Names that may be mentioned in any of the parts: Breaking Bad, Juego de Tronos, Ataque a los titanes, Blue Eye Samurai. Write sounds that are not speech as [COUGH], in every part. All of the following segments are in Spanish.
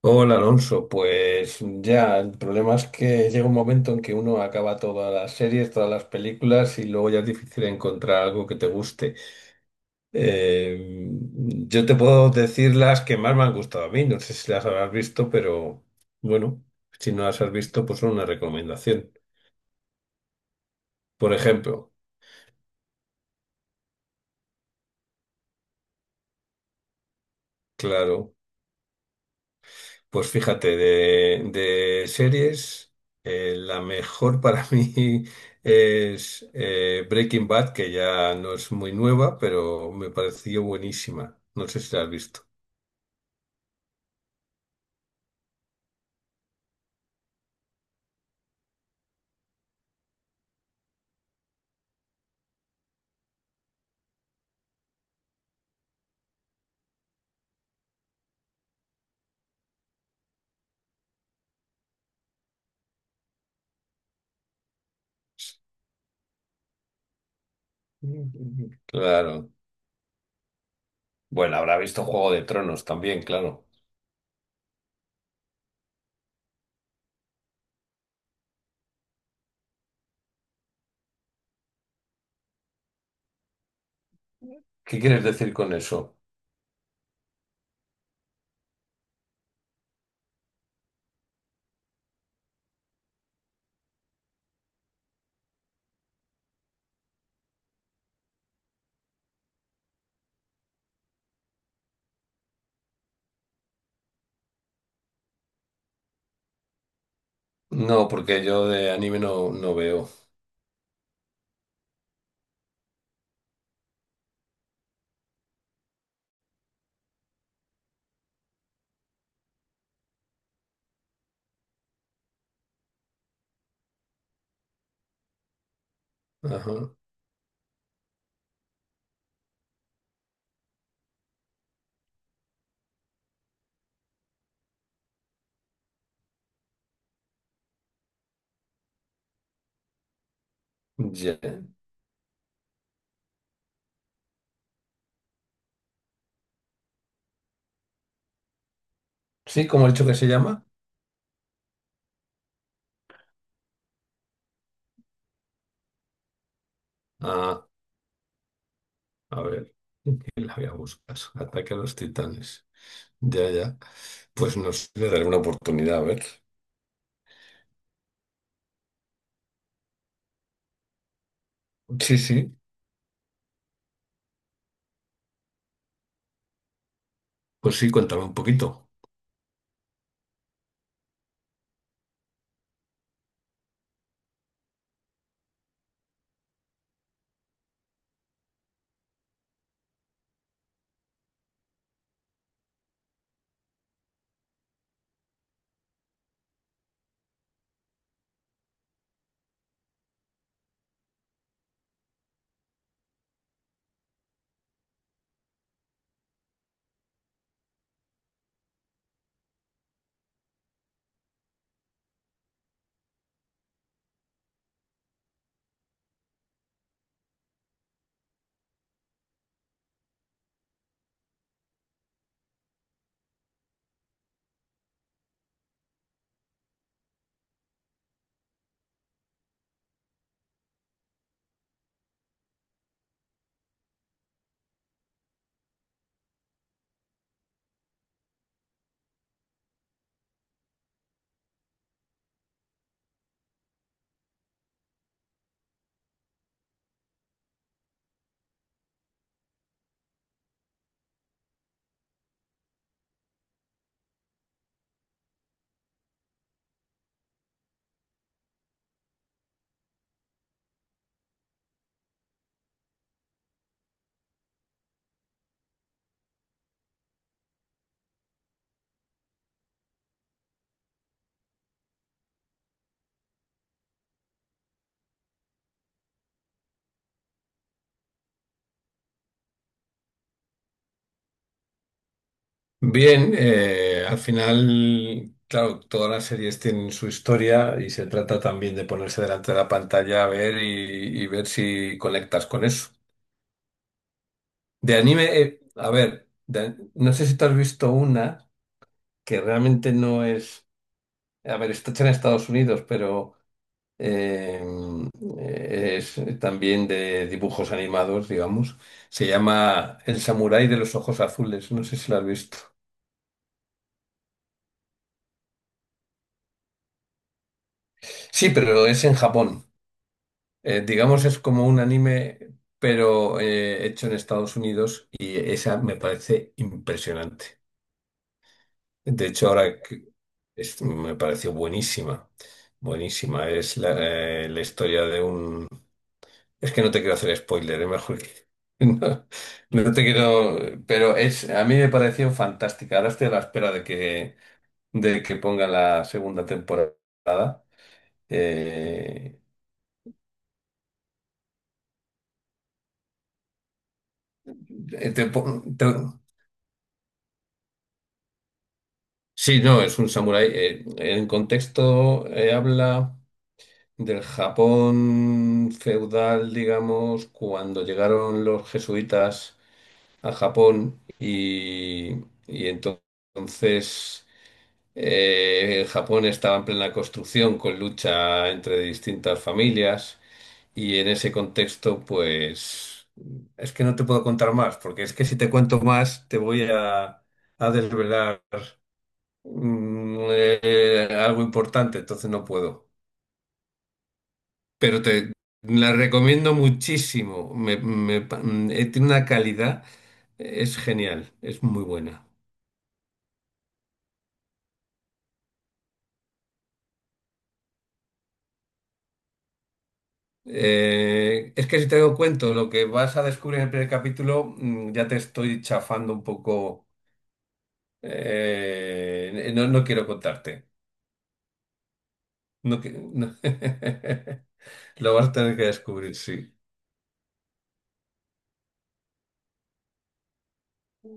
Hola Alonso, pues ya, el problema es que llega un momento en que uno acaba todas las series, todas las películas y luego ya es difícil encontrar algo que te guste. Eh, yo te puedo decir las que más me han gustado a mí, no sé si las habrás visto, pero bueno, si no las has visto, pues son una recomendación. Por ejemplo, claro. Pues fíjate, de series, la mejor para [LAUGHS] mí es Breaking Bad, que ya no es muy nueva, pero me pareció buenísima. No sé si la has visto. Mm. Claro. Bueno, habrá visto Juego de Tronos también, claro. ¿Qué quieres decir con eso? No, porque yo de anime no veo. Ajá. Ya. Sí, ¿cómo he dicho que se llama? Ah, a ver. [LAUGHS] La voy a buscar. Ataque a los titanes. Ya, ya. Pues no sé, le daré una oportunidad, a ver. Sí, sí, pues sí, cuéntame un poquito. Bien, al final, claro, todas las series tienen su historia y se trata también de ponerse delante de la pantalla a ver y ver si conectas con eso. De anime, a ver, no sé si tú has visto una que realmente no es, a ver, está hecha en Estados Unidos, pero... em, es también de dibujos animados, digamos. Se llama El Samurái de los Ojos Azules, no sé si lo has visto. Sí, pero es en Japón. Digamos, es como un anime, pero hecho en Estados Unidos y esa me parece impresionante. De hecho, me pareció buenísima, buenísima. Es la, la historia de un... Es que no te quiero hacer spoiler, es mejor que... [LAUGHS] No, no te quiero... Pero es, a mí me pareció fantástica. Ahora estoy a la espera de que pongan la segunda temporada. Eh, eh, te po- te- Sí, no, es un samurái. En contexto, habla del Japón feudal, digamos, cuando llegaron los jesuitas a Japón y entonces... en Japón estaba en plena construcción con lucha entre distintas familias y en ese contexto, pues es que no te puedo contar más, porque es que si te cuento más te voy a desvelar algo importante, entonces no puedo. Pero te la recomiendo muchísimo, tiene una calidad, es genial, es muy buena. Es que si te doy cuento lo que vas a descubrir en el primer capítulo, ya te estoy chafando un poco. No, no quiero contarte. No, no. [LAUGHS] Lo vas a tener que descubrir, sí.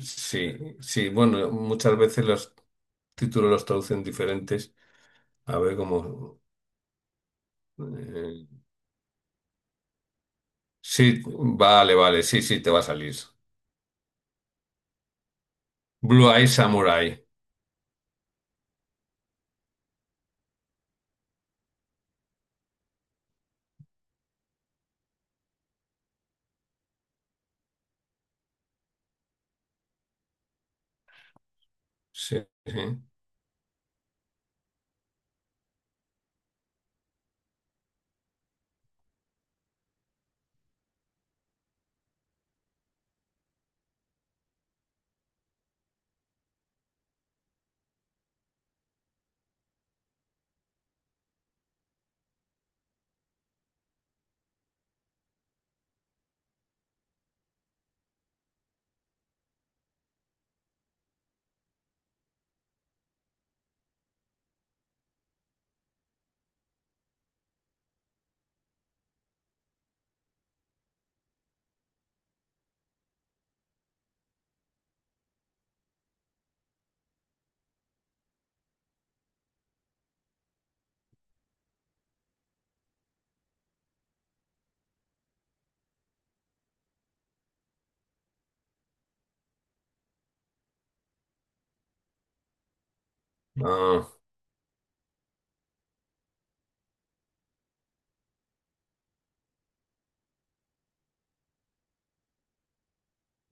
Sí, sí. Bueno, muchas veces los títulos los traducen diferentes. A ver cómo. eh, sí, vale, vale, sí, sí, te va a salir. Blue Eye Samurai. Sí, sí. Ah,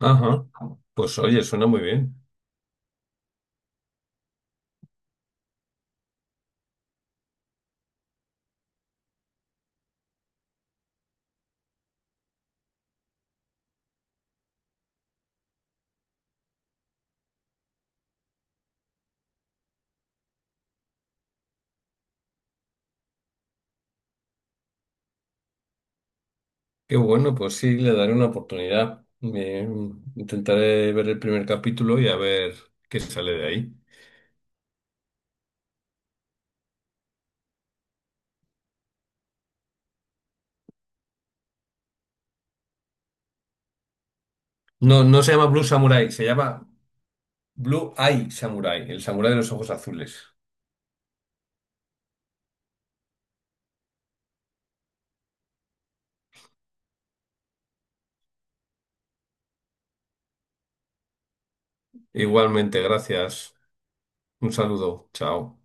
ajá. Pues oye, suena muy bien. Qué bueno, pues sí, le daré una oportunidad. Intentaré ver el primer capítulo y a ver qué sale de ahí. No, no se llama Blue Samurai, se llama Blue Eye Samurai, el samurái de los ojos azules. Igualmente, gracias. Un saludo, chao.